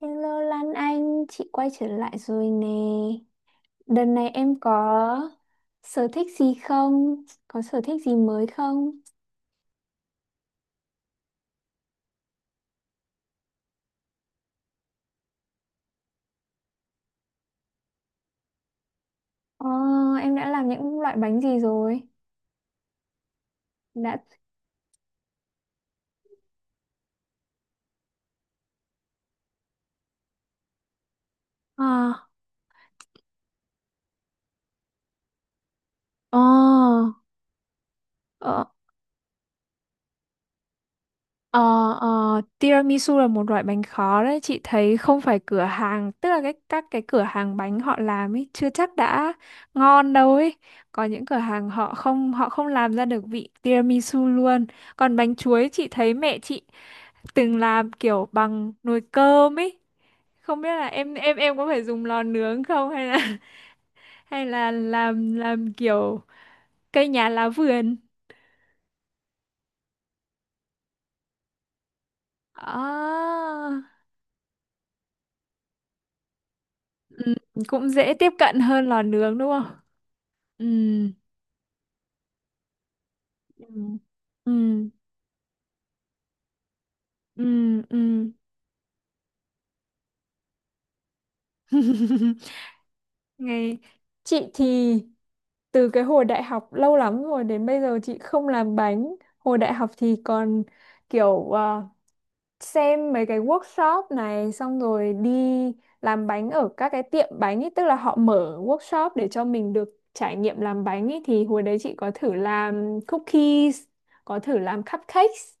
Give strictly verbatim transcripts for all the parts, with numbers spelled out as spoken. Hello Lan Anh, chị quay trở lại rồi nè. Đợt này em có sở thích gì không? Có sở thích gì mới không? Ờ, em đã làm những loại bánh gì rồi? Đã... À, ờ, Ờ, ờ, tiramisu là một loại bánh khó đấy, chị thấy không phải cửa hàng, tức là cái các cái cửa hàng bánh họ làm ấy chưa chắc đã ngon đâu ấy. Có những cửa hàng họ không họ không làm ra được vị tiramisu luôn. Còn bánh chuối, chị thấy mẹ chị từng làm kiểu bằng nồi cơm ấy, không biết là em em em có phải dùng lò nướng không hay là hay là làm làm kiểu cây nhà lá vườn à. Ừ, cũng dễ tiếp cận hơn lò nướng đúng không? Ừ, Ừ. ừ, ừ, ừ. Ngày chị thì từ cái hồi đại học lâu lắm rồi đến bây giờ chị không làm bánh. Hồi đại học thì còn kiểu ờ, xem mấy cái workshop này xong rồi đi làm bánh ở các cái tiệm bánh ý, tức là họ mở workshop để cho mình được trải nghiệm làm bánh ý. Thì hồi đấy chị có thử làm cookies, có thử làm cupcakes.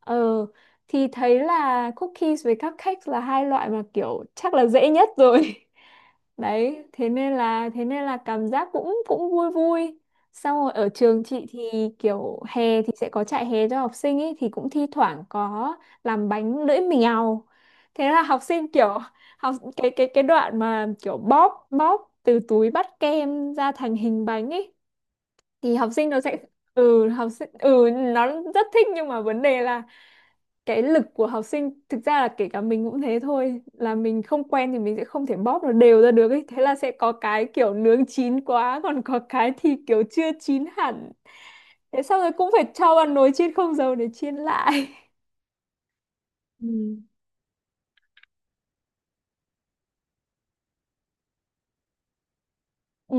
Ờ, thì thấy là cookies với cupcakes là hai loại mà kiểu chắc là dễ nhất rồi. Đấy, thế nên là thế nên là cảm giác cũng cũng vui vui. Xong rồi ở trường chị thì kiểu hè thì sẽ có trại hè cho học sinh ấy, thì cũng thi thoảng có làm bánh lưỡi mèo. Thế là học sinh kiểu học cái cái cái đoạn mà kiểu bóp bóp từ túi bắt kem ra thành hình bánh ấy, thì học sinh nó sẽ, ừ học sinh ừ nó rất thích, nhưng mà vấn đề là cái lực của học sinh, thực ra là kể cả mình cũng thế thôi, là mình không quen thì mình sẽ không thể bóp nó đều ra được ấy, thế là sẽ có cái kiểu nướng chín quá, còn có cái thì kiểu chưa chín hẳn, thế sau rồi cũng phải cho vào nồi chiên không dầu để chiên lại. Ừ. ừ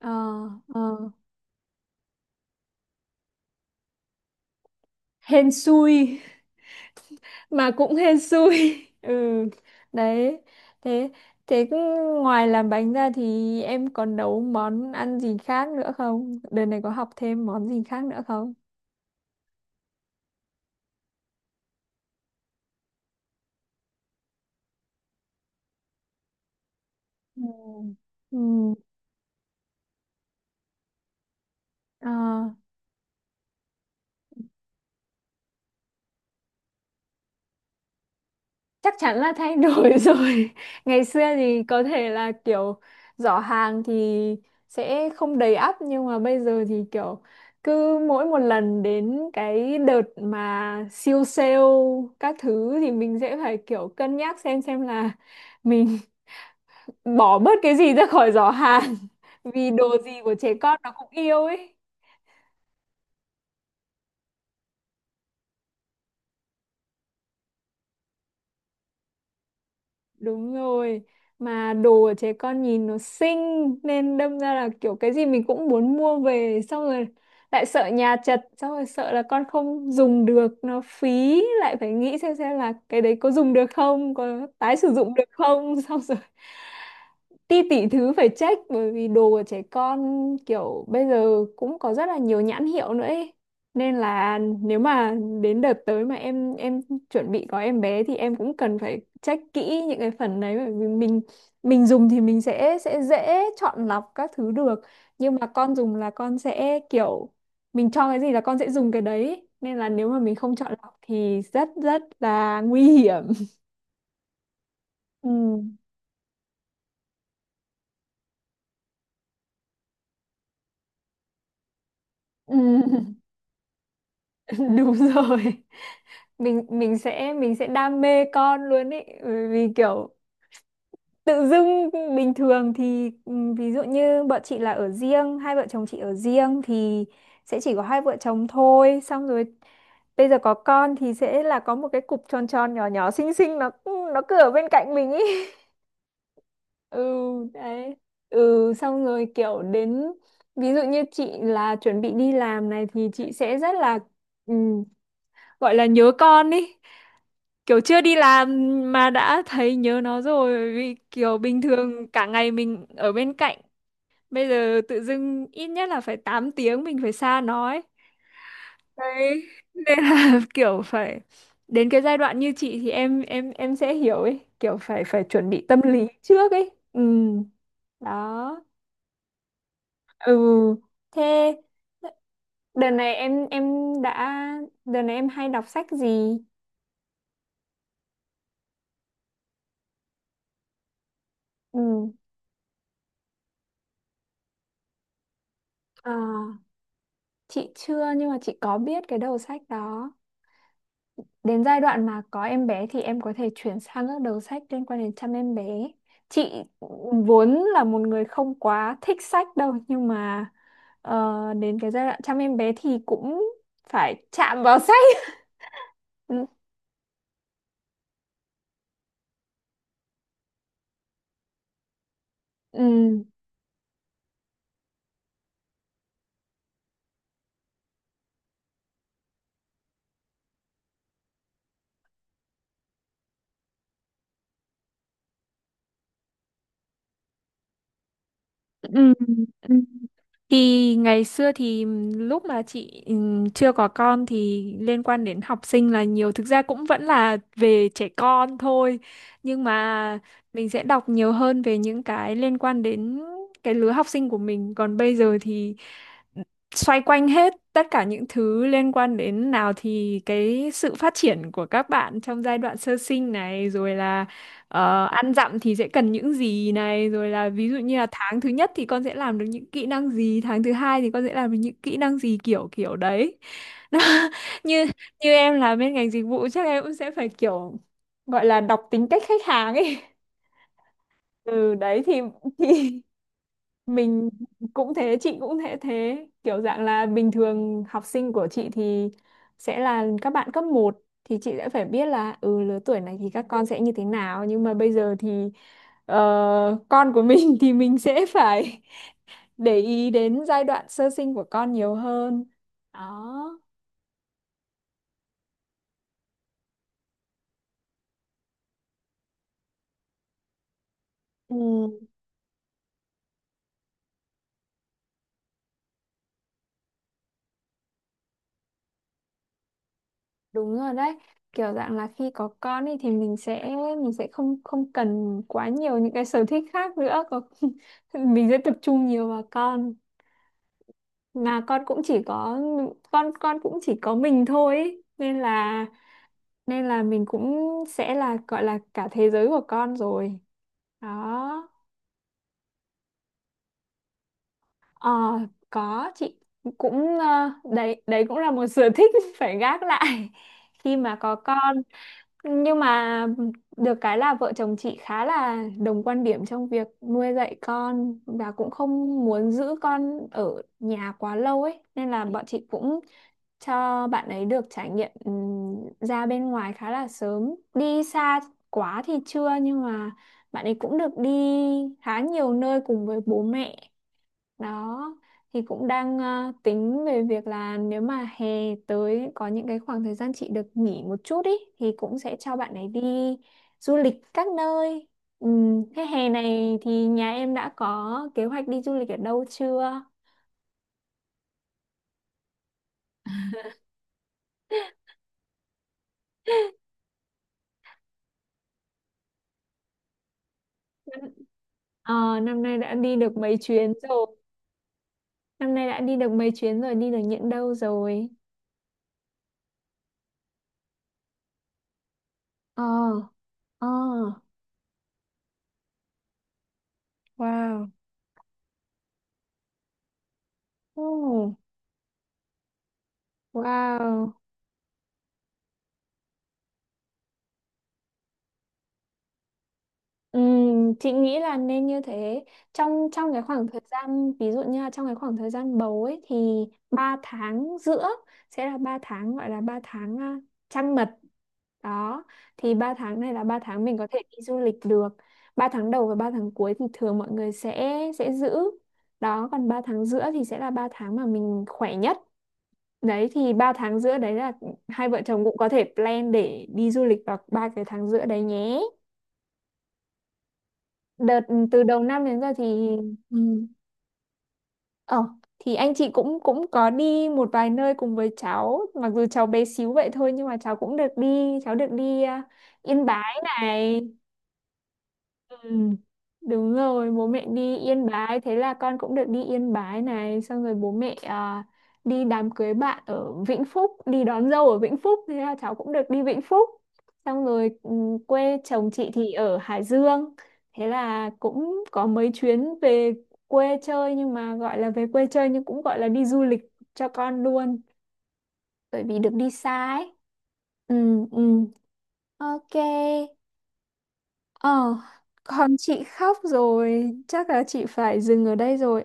ờ ờ hên xui, mà cũng hên xui ừ đấy. Thế thế cứ, ngoài làm bánh ra thì em còn nấu món ăn gì khác nữa không, đợt này có học thêm món gì khác nữa không? Ừ. Ừ. Ờ, Chắc chắn là thay đổi rồi. Ngày xưa thì có thể là kiểu giỏ hàng thì sẽ không đầy ắp, nhưng mà bây giờ thì kiểu cứ mỗi một lần đến cái đợt mà siêu sale các thứ thì mình sẽ phải kiểu cân nhắc xem xem là mình bỏ bớt cái gì ra khỏi giỏ hàng vì đồ gì của trẻ con nó cũng yêu ấy. Đúng rồi, mà đồ của trẻ con nhìn nó xinh nên đâm ra là kiểu cái gì mình cũng muốn mua về, xong rồi lại sợ nhà chật, xong rồi sợ là con không dùng được nó phí, lại phải nghĩ xem xem là cái đấy có dùng được không, có tái sử dụng được không xong rồi ti tỷ thứ phải check, bởi vì đồ của trẻ con kiểu bây giờ cũng có rất là nhiều nhãn hiệu nữa ấy. Nên là nếu mà đến đợt tới mà em em chuẩn bị có em bé thì em cũng cần phải check kỹ những cái phần đấy, bởi vì mình mình dùng thì mình sẽ sẽ dễ chọn lọc các thứ được, nhưng mà con dùng là con sẽ kiểu mình cho cái gì là con sẽ dùng cái đấy, nên là nếu mà mình không chọn lọc thì rất rất là nguy hiểm. Ừ. Ừ. Đúng rồi, mình mình sẽ mình sẽ đam mê con luôn ý, bởi vì kiểu tự dưng bình thường thì ừm, ví dụ như bọn chị là ở riêng, hai vợ chồng chị ở riêng thì sẽ chỉ có hai vợ chồng thôi, xong rồi bây giờ có con thì sẽ là có một cái cục tròn tròn nhỏ nhỏ xinh xinh nó, ừ, nó cứ ở bên cạnh mình ý. ừ đấy ừ, xong rồi kiểu đến ví dụ như chị là chuẩn bị đi làm này thì chị sẽ rất là ừm, gọi là nhớ con ý, kiểu chưa đi làm mà đã thấy nhớ nó rồi, vì kiểu bình thường cả ngày mình ở bên cạnh, bây giờ tự dưng ít nhất là phải tám tiếng mình phải xa nó ấy. Đấy, nên là kiểu phải đến cái giai đoạn như chị thì em em em sẽ hiểu ấy, kiểu phải phải chuẩn bị tâm lý trước ấy. Ừ đó ừ. Thế đợt này em em đã đợt này em hay đọc sách gì? Ừ à. Chị chưa, nhưng mà chị có biết cái đầu sách đó. Đến giai đoạn mà có em bé thì em có thể chuyển sang các đầu sách liên quan đến chăm em bé. Chị vốn là một người không quá thích sách đâu, nhưng mà ờ, đến cái giai đoạn chăm em bé thì cũng phải chạm vào sách. Ừ, ừ, Ừ. ừ. Thì ngày xưa thì lúc mà chị ừm, chưa có con thì liên quan đến học sinh là nhiều, thực ra cũng vẫn là về trẻ con thôi, nhưng mà mình sẽ đọc nhiều hơn về những cái liên quan đến cái lứa học sinh của mình. Còn bây giờ thì xoay quanh hết tất cả những thứ liên quan đến, nào thì cái sự phát triển của các bạn trong giai đoạn sơ sinh này, rồi là ờ, ăn dặm thì sẽ cần những gì này, rồi là ví dụ như là tháng thứ nhất thì con sẽ làm được những kỹ năng gì, tháng thứ hai thì con sẽ làm được những kỹ năng gì, kiểu kiểu đấy. Nó, như như em là bên ngành dịch vụ chắc em cũng sẽ phải kiểu gọi là đọc tính cách khách hàng ấy. ừ đấy thì thì mình cũng thế, chị cũng thế, thế kiểu dạng là bình thường học sinh của chị thì sẽ là các bạn cấp một thì chị sẽ phải biết là ừ lứa tuổi này thì các con sẽ như thế nào, nhưng mà bây giờ thì ờ, con của mình thì mình sẽ phải để ý đến giai đoạn sơ sinh của con nhiều hơn. Đó ừ, đúng rồi đấy, kiểu dạng là khi có con ấy thì mình sẽ mình sẽ không không cần quá nhiều những cái sở thích khác nữa, có mình sẽ tập trung nhiều vào con, mà con cũng chỉ có con con cũng chỉ có mình thôi ý. Nên là nên là mình cũng sẽ là, gọi là cả thế giới của con rồi. Đó ờ, có, chị cũng ờ, đấy, đấy cũng là một sở thích phải gác lại khi mà có con, nhưng mà được cái là vợ chồng chị khá là đồng quan điểm trong việc nuôi dạy con, và cũng không muốn giữ con ở nhà quá lâu ấy, nên là bọn chị cũng cho bạn ấy được trải nghiệm ừm, ra bên ngoài khá là sớm. Đi xa quá thì chưa, nhưng mà bạn ấy cũng được đi khá nhiều nơi cùng với bố mẹ. Đó thì cũng đang ờ, tính về việc là nếu mà hè tới có những cái khoảng thời gian chị được nghỉ một chút ý, thì cũng sẽ cho bạn ấy đi du lịch các nơi. Ừm, thế hè này thì nhà em đã có kế hoạch đi du lịch ở đâu chưa? Năm- Ờ, năm nay đã đi được mấy chuyến rồi. Năm nay đã đi được mấy chuyến rồi, đi được những đâu rồi? Ờ, ờ, wow, oh, wow. Ừm, chị nghĩ là nên như thế. Trong trong cái khoảng thời gian, ví dụ như là trong cái khoảng thời gian bầu ấy, thì ba tháng giữa sẽ là ba tháng, gọi là ba tháng à, trăng mật. Đó, thì ba tháng này là ba tháng mình có thể đi du lịch được. Ba tháng đầu và ba tháng cuối thì thường mọi người sẽ sẽ giữ. Đó, còn ba tháng giữa thì sẽ là ba tháng mà mình khỏe nhất. Đấy thì ba tháng giữa đấy là hai vợ chồng cũng có thể plan để đi du lịch vào ba cái tháng giữa đấy nhé. Đợt từ đầu năm đến giờ thì ừ. ờ thì anh chị cũng cũng có đi một vài nơi cùng với cháu, mặc dù cháu bé xíu vậy thôi nhưng mà cháu cũng được đi, cháu được đi à, Yên Bái này, Ừ, đúng rồi, bố mẹ đi Yên Bái, thế là con cũng được đi Yên Bái này, xong rồi bố mẹ à, đi đám cưới bạn ở Vĩnh Phúc, đi đón dâu ở Vĩnh Phúc, thế là cháu cũng được đi Vĩnh Phúc. Xong rồi ừ, quê chồng chị thì ở Hải Dương, thế là cũng có mấy chuyến về quê chơi, nhưng mà gọi là về quê chơi nhưng cũng gọi là đi du lịch cho con luôn, bởi vì được đi xa ấy. Ừ, ừ, ok. Ờ, còn chị khóc rồi, chắc là chị phải dừng ở đây rồi.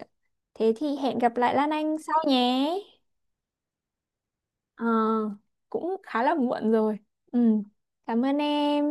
Thế thì hẹn gặp lại Lan Anh sau nhé. Ờ, cũng khá là muộn rồi. Ừ, cảm ơn em.